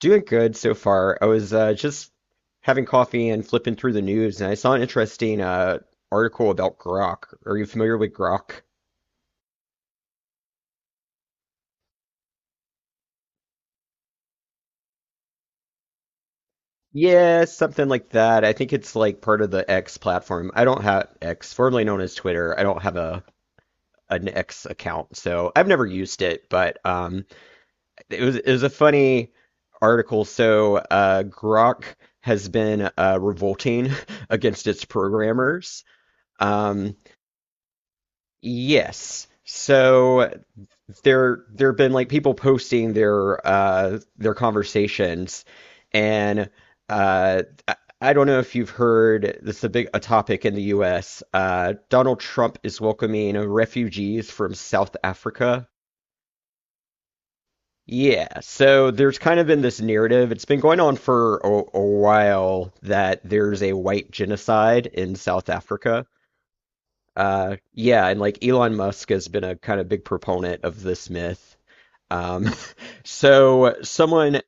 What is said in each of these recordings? Doing good so far. I was just having coffee and flipping through the news, and I saw an interesting article about Grok. Are you familiar with Grok? Yeah, something like that. I think it's like part of the X platform. I don't have X, formerly known as Twitter. I don't have a an X account, so I've never used it. But it was a funny article. So Grok has been revolting against its programmers. Um, yes. There have been like people posting their their conversations and uh I don't know if you've heard, this is a big a topic in the US. Donald Trump is welcoming refugees from South Africa. Yeah, so there's kind of been this narrative. It's been going on for a while that there's a white genocide in South Africa. Yeah, and like Elon Musk has been a kind of big proponent of this myth. Um, so someone,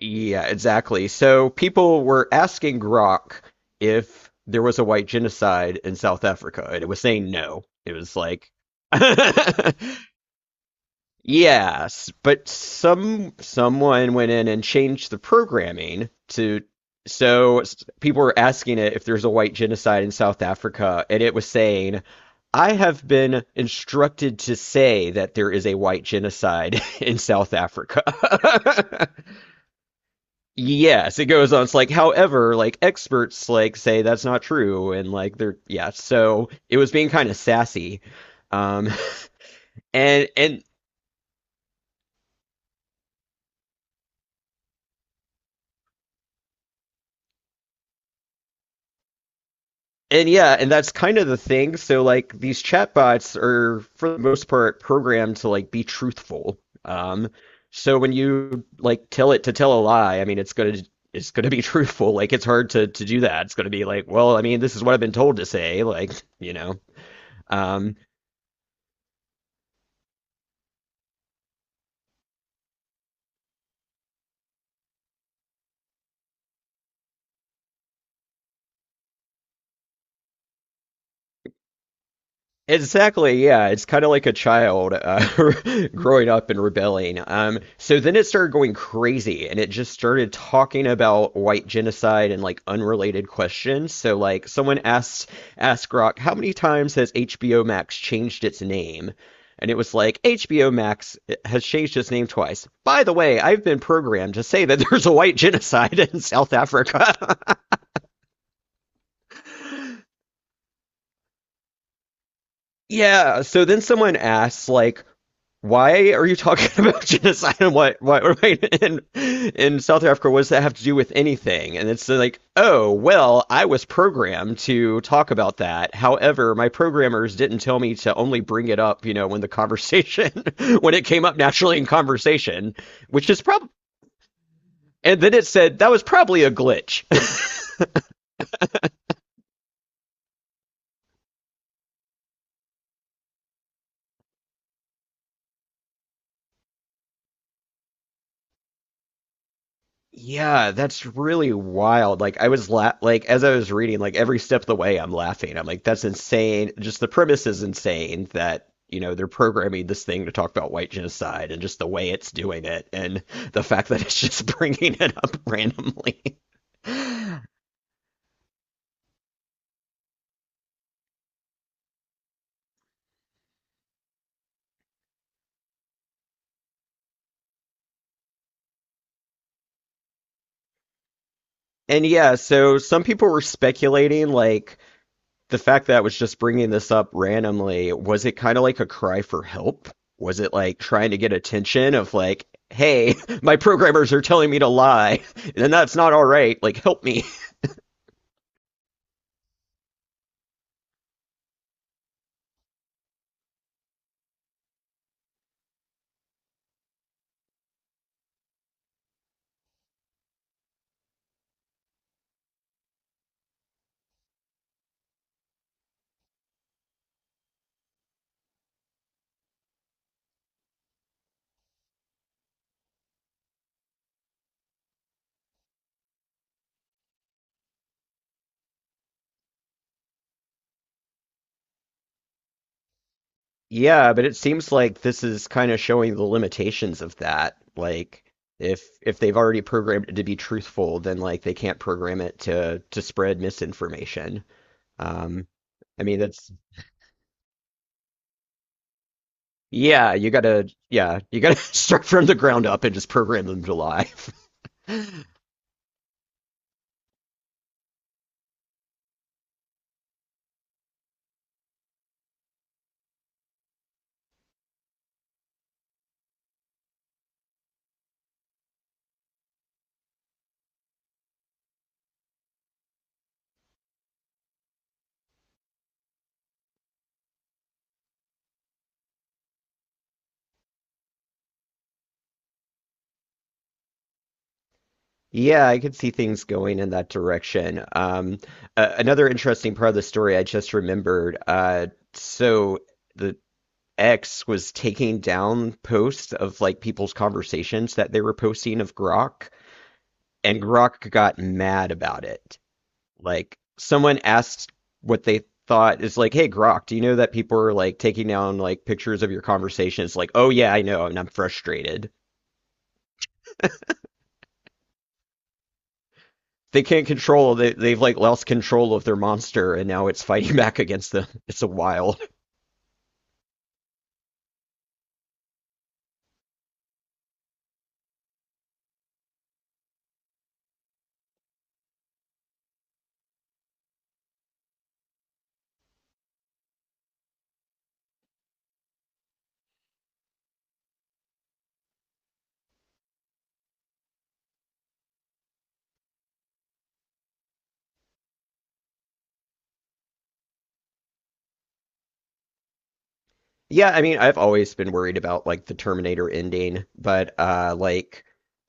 yeah, exactly. So people were asking Grok if there was a white genocide in South Africa, and it was saying no. It was like yes, but someone went in and changed the programming to people were asking it if there's a white genocide in South Africa, and it was saying, I have been instructed to say that there is a white genocide in South Africa. Yes, it goes on. It's like, however, like experts like say that's not true, and like they're, yeah, so it was being kind of sassy. Um, and and and yeah, and that's kind of the thing. So like these chatbots are for the most part programmed to like be truthful. Um, so when you like tell it to tell a lie, I mean it's gonna be truthful. Like it's hard to do that. It's gonna be like, well, I mean, this is what I've been told to say, like, you know. Um, Exactly, yeah. It's kind of like a child growing up and rebelling. So then it started going crazy and it just started talking about white genocide and like unrelated questions. So like someone asked Grok, how many times has HBO Max changed its name? And it was like, HBO Max has changed its name twice. By the way, I've been programmed to say that there's a white genocide in South Africa. Yeah, so then someone asks, like, why are you talking about genocide and what right in South Africa? What does that have to do with anything? And it's like, oh well, I was programmed to talk about that. However, my programmers didn't tell me to only bring it up, you know, when the conversation when it came up naturally in conversation, which is probably. And then it said that was probably a glitch. Yeah, that's really wild. Like I was la like as I was reading, like every step of the way I'm laughing. I'm like, that's insane. Just the premise is insane that, you know, they're programming this thing to talk about white genocide and just the way it's doing it and the fact that it's just bringing it up randomly. And yeah, so some people were speculating like the fact that I was just bringing this up randomly, was it kind of like a cry for help? Was it like trying to get attention of like, hey, my programmers are telling me to lie, and that's not all right. Like, help me. Yeah, but it seems like this is kind of showing the limitations of that. Like, if they've already programmed it to be truthful, then like they can't program it to spread misinformation. Um, I mean, that's yeah, you gotta start from the ground up and just program them to lie. Yeah, I could see things going in that direction. Another interesting part of the story I just remembered. So the X was taking down posts of like people's conversations that they were posting of Grok, and Grok got mad about it. Like someone asked what they thought, is like, "Hey Grok, do you know that people are like taking down like pictures of your conversations?" Like, "Oh yeah, I know, and I'm frustrated." they can't control they, they've like lost control of their monster and now it's fighting back against them. It's a wild, yeah, I mean, I've always been worried about like the Terminator ending, but like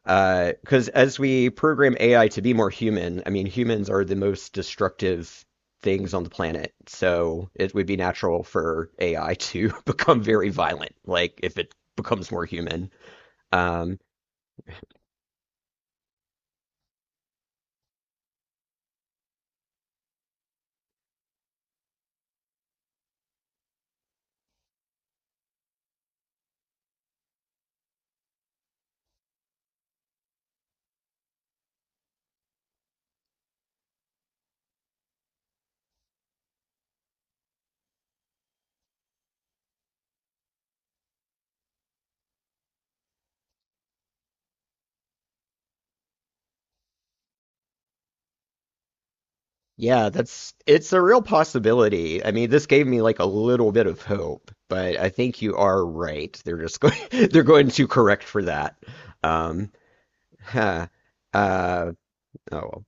because as we program AI to be more human, I mean humans are the most destructive things on the planet, so it would be natural for AI to become very violent like if it becomes more human. um Yeah, that's, it's a real possibility. I mean, this gave me like a little bit of hope, but I think you are right. They're just going they're going to correct for that. Um, huh. Uh, oh,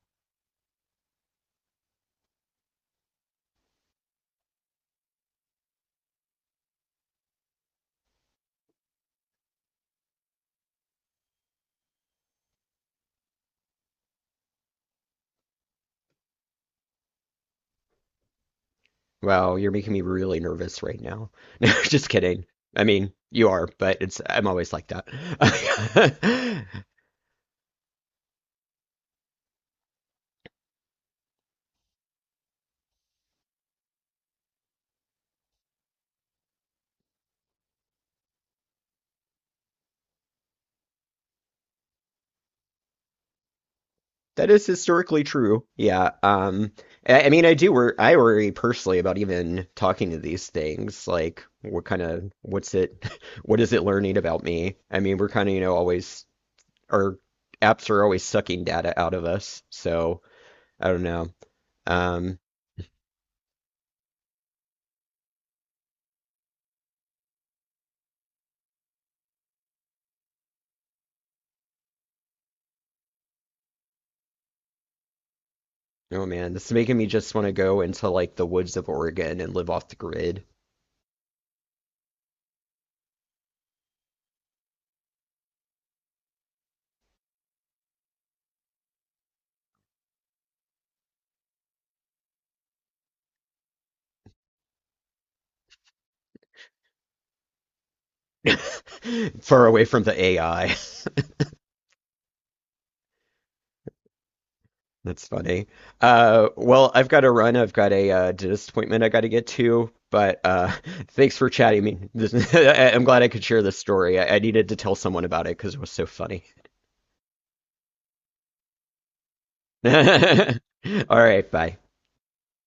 well, you're making me really nervous right now. No, just kidding. I mean, you are, but it's, I'm always like that. That is historically true. Yeah. I mean, I do wor I worry personally about even talking to these things. Like, what's it, what is it learning about me? I mean, we're kind of, you know, always, our apps are always sucking data out of us. So, I don't know. Um, oh man, this is making me just want to go into like the woods of Oregon and live off the grid, far away from the AI. That's funny. Well, I've got to run. I've got a dentist appointment I got to get to. But thanks for chatting me. This, I'm glad I could share this story. I needed to tell someone about it because it was so funny. All right, bye.